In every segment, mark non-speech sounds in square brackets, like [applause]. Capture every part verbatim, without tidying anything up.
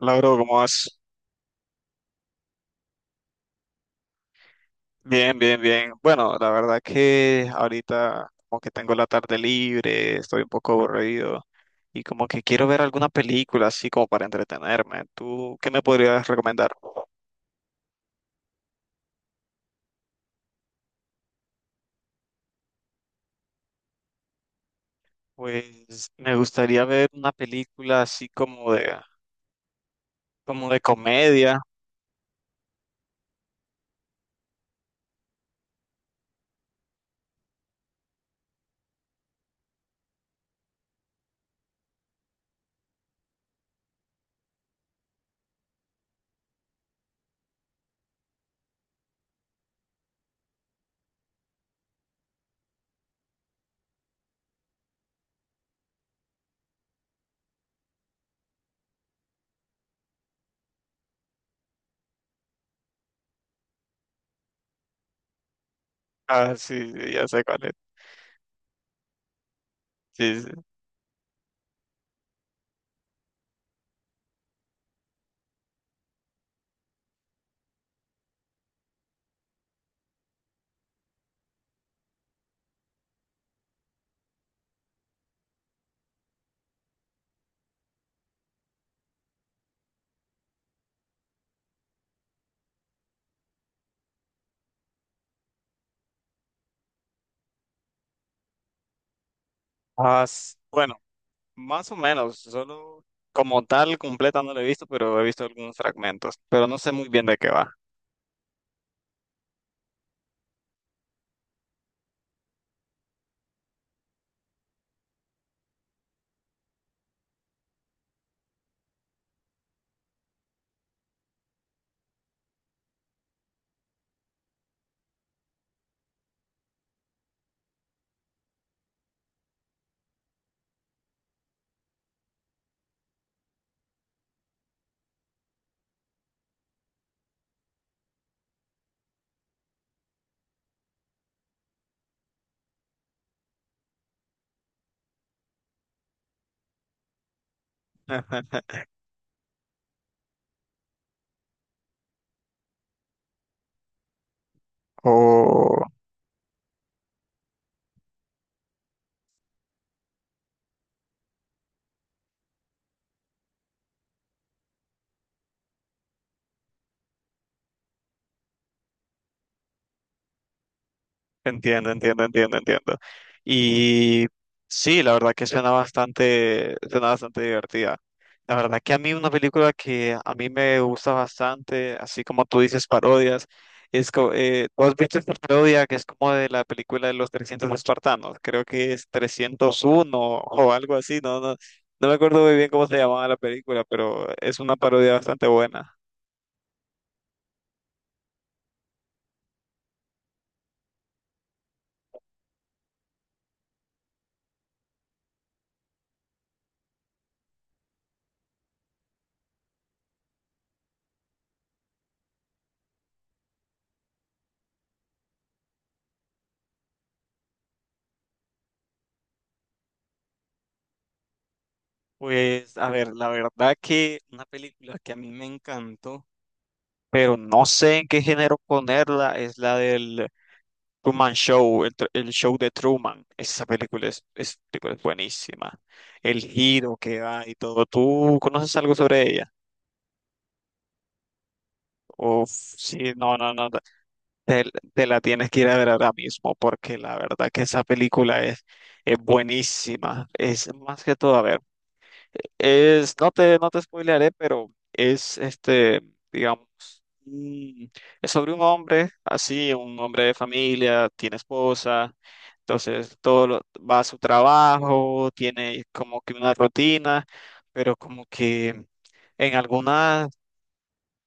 Lauro, ¿cómo vas? Bien, bien, bien. Bueno, la verdad que ahorita como que tengo la tarde libre, estoy un poco aburrido y como que quiero ver alguna película así como para entretenerme. ¿Tú qué me podrías recomendar? Pues me gustaría ver una película así como de como de comedia. [laughs] Ah, sí, sí, ya sé cuál es. Sí, sí. Ah, s- bueno, más o menos, solo como tal completa no la he visto, pero he visto algunos fragmentos, pero no sé muy bien de qué va. [laughs] Oh, entiendo, entiendo, entiendo, entiendo. Y sí, la verdad que suena bastante, suena bastante divertida. La verdad que a mí una película que a mí me gusta bastante, así como tú dices parodias, es co- eh, ¿tú has visto esta parodia que es como de la película de los trescientos espartanos? Creo que es trescientos uno o algo así, no, no, no me acuerdo muy bien cómo se llamaba la película, pero es una parodia bastante buena. Pues, a ver, la verdad que una película que a mí me encantó, pero no sé en qué género ponerla, es la del Truman Show, el, tr- el show de Truman. Esa película es, es película es buenísima. El giro que da y todo. ¿Tú conoces algo sobre ella? Uf, sí, no, no, no, no. Te, te la tienes que ir a ver ahora mismo porque la verdad que esa película es, es buenísima. Es más que todo, a ver, es, no te, no te spoilearé, pero es este, digamos, Mm, es sobre un hombre, así, un hombre de familia, tiene esposa, entonces todo lo- va a su trabajo, tiene como que una rutina, pero como que en algunas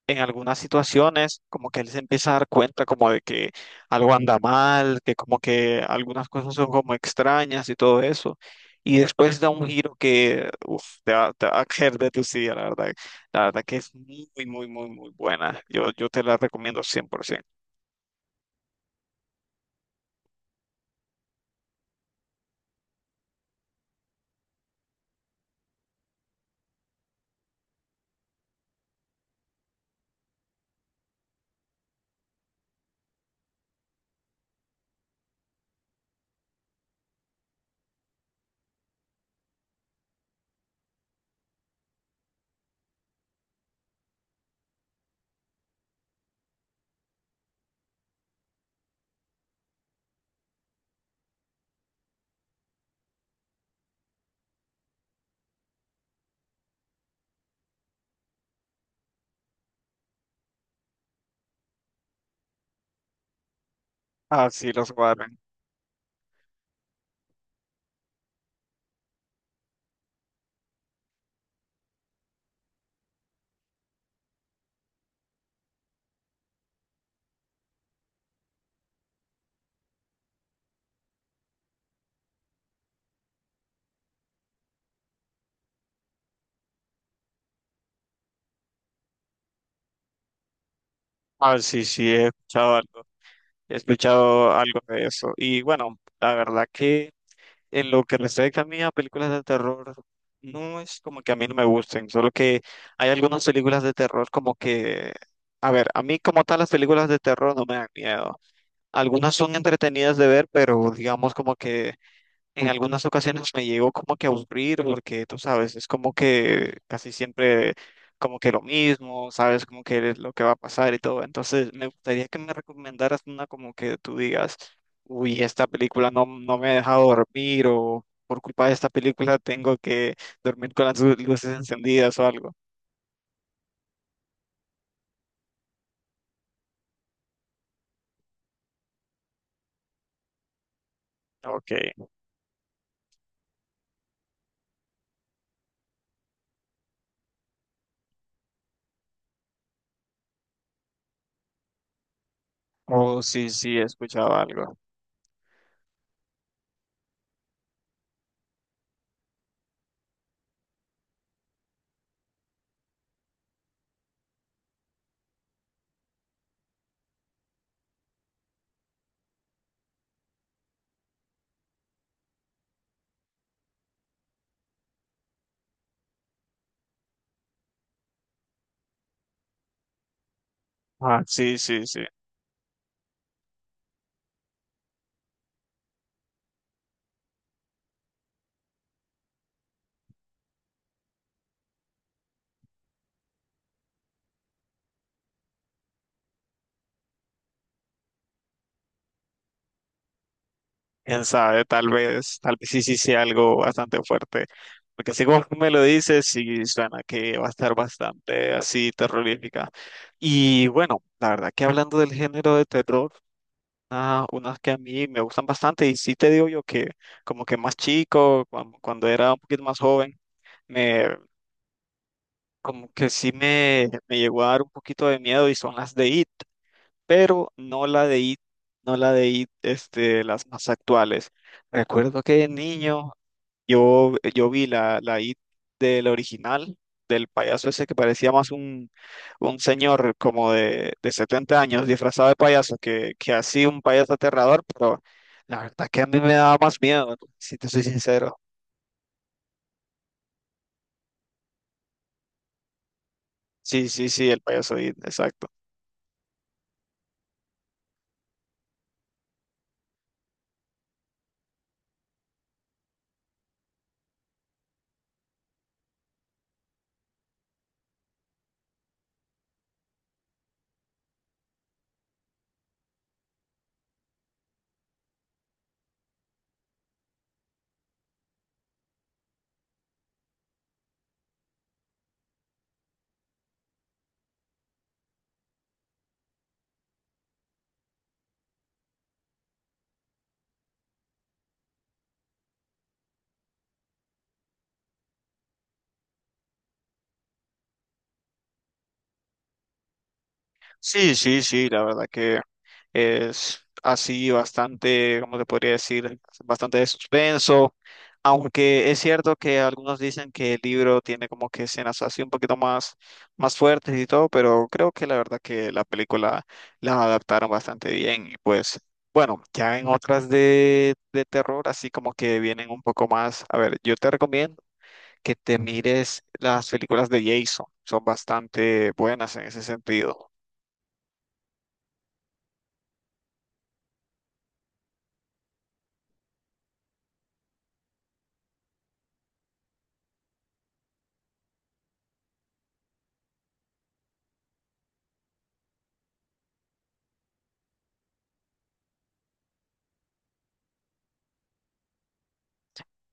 en algunas situaciones como que él se empieza a dar cuenta como de que algo anda mal, que como que algunas cosas son como extrañas y todo eso. Y después da un giro que uf, te va, te va a caer de tu silla, la verdad. La verdad que es muy, muy, muy, muy buena. Yo, yo te la recomiendo cien por ciento. Ah, sí, los Warren. Ah, sí, sí, he escuchado algo. He escuchado algo de eso. Y bueno, la verdad que... En lo que respecta a mí a películas de terror, no es como que a mí no me gusten, solo que hay algunas películas de terror como que, a ver, a mí como tal las películas de terror no me dan miedo. Algunas son entretenidas de ver, pero digamos como que en algunas ocasiones me llegó como que a aburrir porque tú sabes, es como que casi siempre como que lo mismo, sabes como que es lo que va a pasar y todo. Entonces me gustaría que me recomendaras una como que tú digas, uy, esta película no, no me ha dejado dormir o por culpa de esta película tengo que dormir con las lu- luces encendidas o algo. Ok. Oh, sí, sí, he escuchado algo. Ah, sí, sí, sí. Quién sabe, tal vez, tal vez sí, sí sea algo bastante fuerte. Porque así como tú me lo dices, sí suena que va a estar bastante así terrorífica. Y bueno, la verdad que hablando del género de terror, ah, unas que a mí me gustan bastante, y sí te digo yo que como que más chico, cuan- cuando era un poquito más joven, me como que sí me, me llegó a dar un poquito de miedo y son las de It, pero no la de It, no la de It, este, las más actuales. Recuerdo que de niño yo, eh, yo vi la, la I T del original, del payaso ese que parecía más un, un señor como de, de setenta años disfrazado de payaso que, que así un payaso aterrador, pero la verdad que a mí me daba más miedo, si te soy sincero. Sí, sí, sí, el payaso I T, exacto. Sí, sí, sí, la verdad que es así bastante, ¿cómo te podría decir? Bastante de suspenso, aunque es cierto que algunos dicen que el libro tiene como que escenas así un poquito más, más fuertes y todo, pero creo que la verdad que la película la adaptaron bastante bien y pues bueno, ya en otras de, de terror, así como que vienen un poco más, a ver, yo te recomiendo que te mires las películas de Jason, son bastante buenas en ese sentido.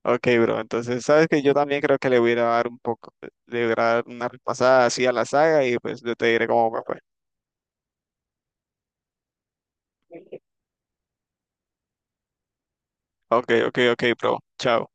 Ok, bro. Entonces, sabes que yo también creo que le voy a ir a dar un poco, le voy a dar una repasada así a la saga y pues yo te diré cómo me fue. Ok, ok, ok, bro. Chao.